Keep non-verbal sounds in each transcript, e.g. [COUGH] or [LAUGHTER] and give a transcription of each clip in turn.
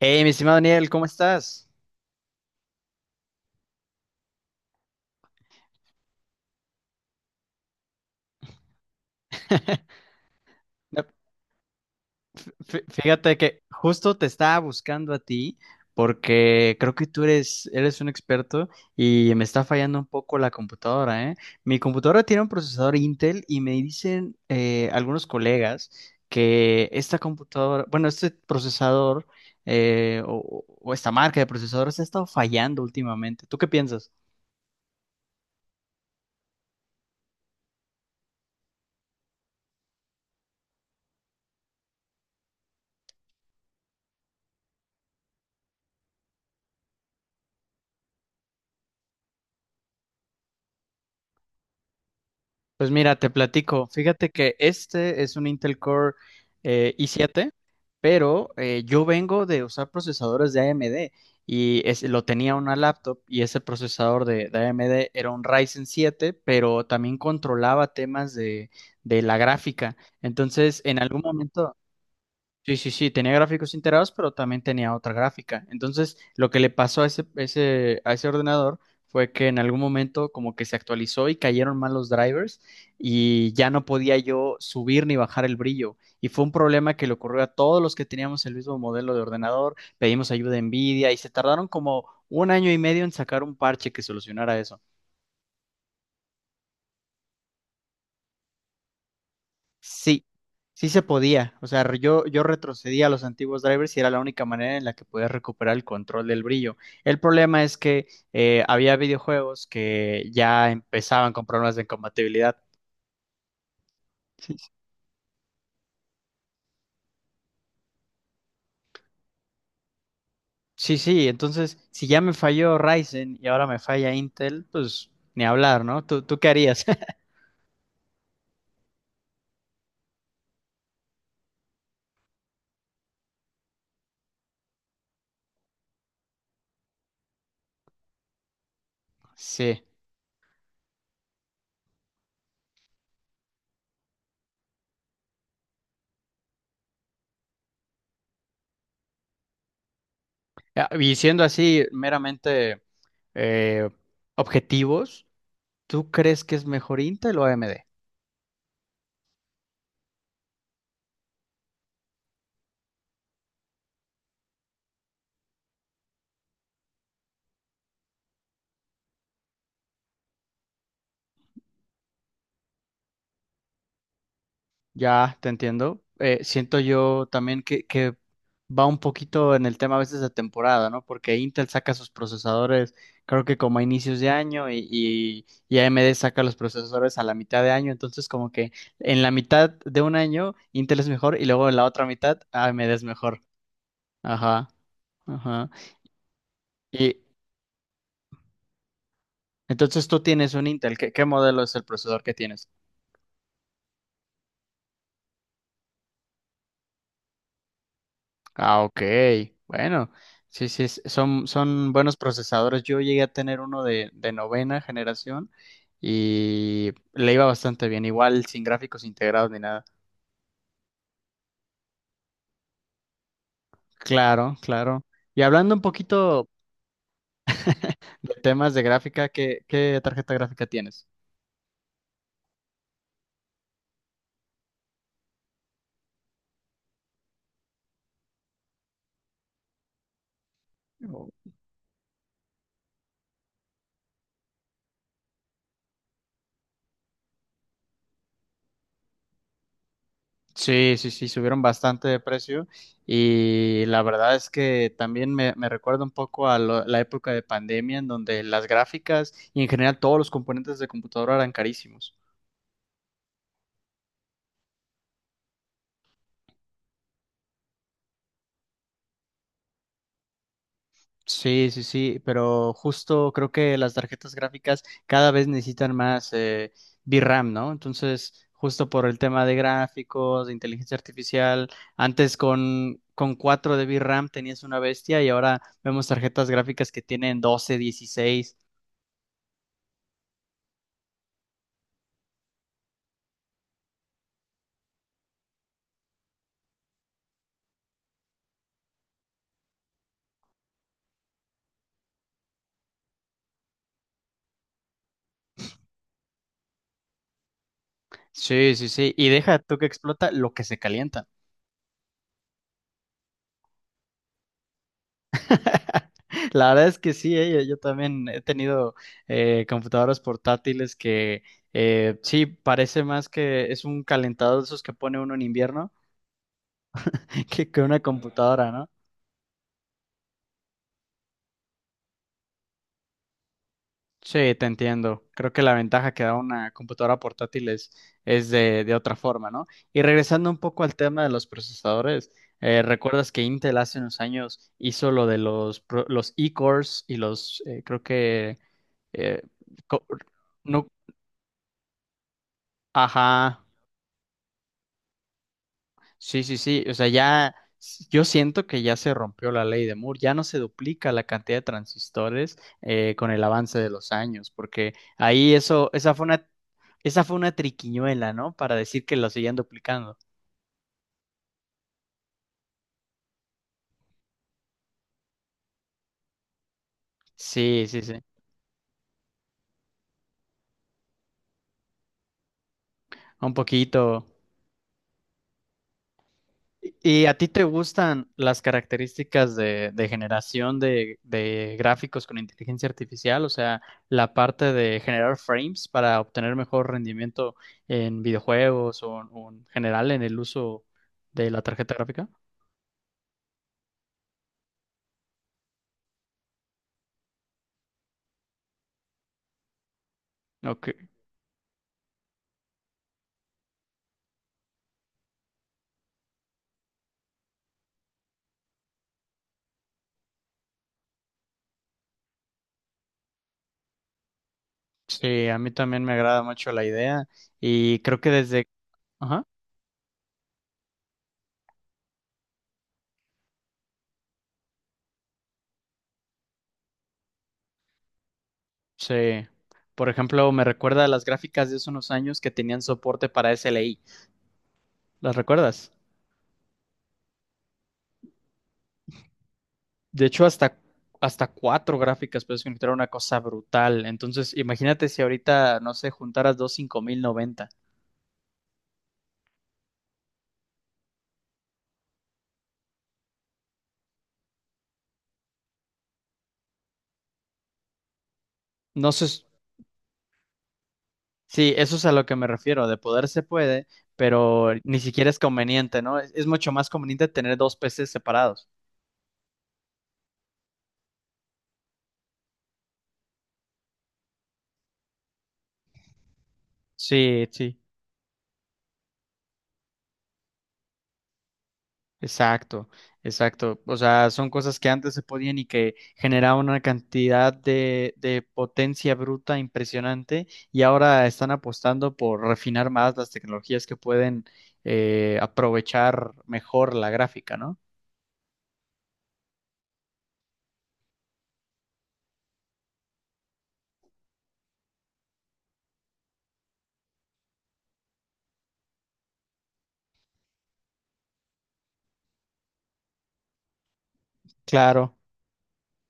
Hey, mi estimado Daniel, ¿cómo estás? [LAUGHS] No, fíjate que justo te estaba buscando a ti porque creo que tú eres, eres un experto y me está fallando un poco la computadora, ¿eh? Mi computadora tiene un procesador Intel y me dicen algunos colegas que esta computadora, bueno, este procesador o esta marca de procesadores ha estado fallando últimamente. ¿Tú qué piensas? Pues mira, te platico. Fíjate que este es un Intel Core i7, pero yo vengo de usar procesadores de AMD y lo tenía una laptop y ese procesador de AMD era un Ryzen 7, pero también controlaba temas de la gráfica. Entonces, en algún momento... Sí, sí, sí, tenía gráficos integrados, pero también tenía otra gráfica. Entonces, lo que le pasó a ese, a ese ordenador fue que en algún momento como que se actualizó y cayeron mal los drivers y ya no podía yo subir ni bajar el brillo. Y fue un problema que le ocurrió a todos los que teníamos el mismo modelo de ordenador, pedimos ayuda a Nvidia y se tardaron como un año y medio en sacar un parche que solucionara eso. Sí, sí se podía. O sea, yo retrocedía a los antiguos drivers y era la única manera en la que podía recuperar el control del brillo. El problema es que había videojuegos que ya empezaban con problemas de compatibilidad. Sí, sí, entonces si ya me falló Ryzen y ahora me falla Intel, pues ni hablar, ¿no? ¿Tú, qué harías? [LAUGHS] Sí. Ah, y siendo así meramente eh, objetivos, ¿tú crees que es mejor Intel o AMD? Ya, te entiendo. Siento yo también que va un poquito en el tema a veces de temporada, ¿no? Porque Intel saca sus procesadores, creo que como a inicios de año, y AMD saca los procesadores a la mitad de año. Entonces, como que en la mitad de un año Intel es mejor y luego en la otra mitad AMD es mejor. Ajá, ajá. Y entonces tú tienes un Intel. ¿Qué, qué modelo es el procesador que tienes? Ah, ok. Bueno, sí, son, son buenos procesadores. Yo llegué a tener uno de novena generación y le iba bastante bien, igual sin gráficos integrados ni nada. Claro, claro. Y hablando un poquito de temas de gráfica, ¿qué, qué tarjeta gráfica tienes? Oh. Sí, sí, sí, subieron bastante de precio y la verdad es que también me recuerda un poco a la época de pandemia en donde las gráficas y en general todos los componentes de computadora eran carísimos. Sí, sí, sí, pero justo creo que las tarjetas gráficas cada vez necesitan más VRAM, ¿no? Entonces, justo por el tema de gráficos, de inteligencia artificial, antes con 4 de VRAM tenías una bestia y ahora vemos tarjetas gráficas que tienen 12, 16. Sí, sí, sí, y deja tú que explota lo que se calienta. [LAUGHS] La verdad es que sí, yo yo también he tenido computadoras portátiles que sí, parece más que es un calentador de esos que pone uno en invierno [LAUGHS] que una computadora, ¿no? Sí, te entiendo. Creo que la ventaja que da una computadora portátil es de otra forma, ¿no? Y regresando un poco al tema de los procesadores, ¿recuerdas que Intel hace unos años hizo lo de los, los e-cores y los, creo que, eh, co- no, ajá. Sí, sí, sí. O sea, ya yo siento que ya se rompió la ley de Moore. Ya no se duplica la cantidad de transistores con el avance de los años, porque ahí eso, esa fue una triquiñuela, ¿no? Para decir que lo seguían duplicando. Sí, sí, sí. Un poquito. ¿Y a ti te gustan las características de generación de gráficos con inteligencia artificial? O sea, la parte de generar frames para obtener mejor rendimiento en videojuegos o en general en el uso de la tarjeta gráfica. Ok. Sí, a mí también me agrada mucho la idea y creo que desde... Ajá. Sí. Por ejemplo, me recuerda a las gráficas de hace unos años que tenían soporte para SLI. ¿Las recuerdas? De hecho, hasta, hasta cuatro gráficas puedes conectar una cosa brutal. Entonces, imagínate si ahorita, no sé, juntaras dos 5090. No sé, sí, eso es a lo que me refiero. De poder se puede, pero ni siquiera es conveniente, ¿no? Es mucho más conveniente tener dos PCs separados. Sí, sí. Exacto, exacto. O sea, son cosas que antes se podían y que generaban una cantidad de potencia bruta impresionante y ahora están apostando por refinar más las tecnologías que pueden aprovechar mejor la gráfica, ¿no? Claro,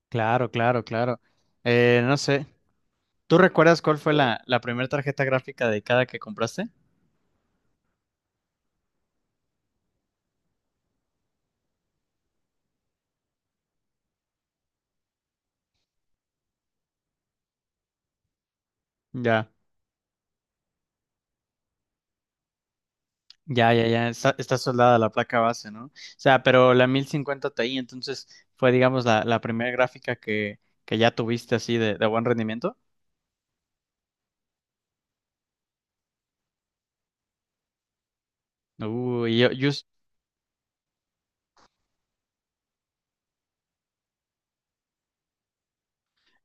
claro, claro, claro. No sé, ¿tú recuerdas cuál fue la, la primera tarjeta gráfica dedicada que compraste? Ya. Ya, ya, ya, está, está soldada la placa base, ¿no? O sea, pero la 1050 Ti, entonces fue, digamos, la primera gráfica que ya tuviste así de buen rendimiento. Uy, yo,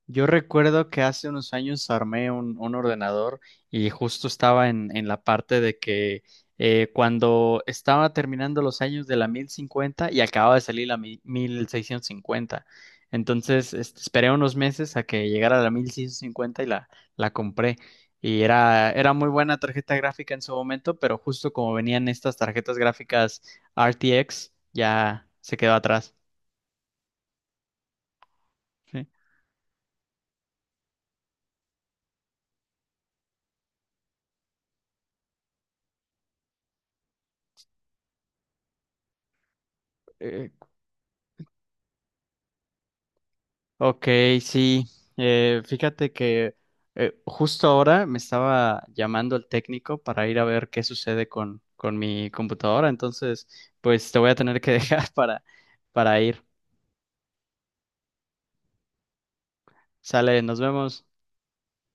yo recuerdo que hace unos años armé un ordenador y justo estaba en la parte de que cuando estaba terminando los años de la 1050 y acababa de salir la mi- 1650. Entonces este, esperé unos meses a que llegara la 1650 y la compré. Y era, era muy buena tarjeta gráfica en su momento, pero justo como venían estas tarjetas gráficas RTX, ya se quedó atrás. Sí. Eh, ok, sí. Fíjate que justo ahora me estaba llamando el técnico para ir a ver qué sucede con mi computadora. Entonces, pues te voy a tener que [LAUGHS] dejar para ir. Sale, nos vemos.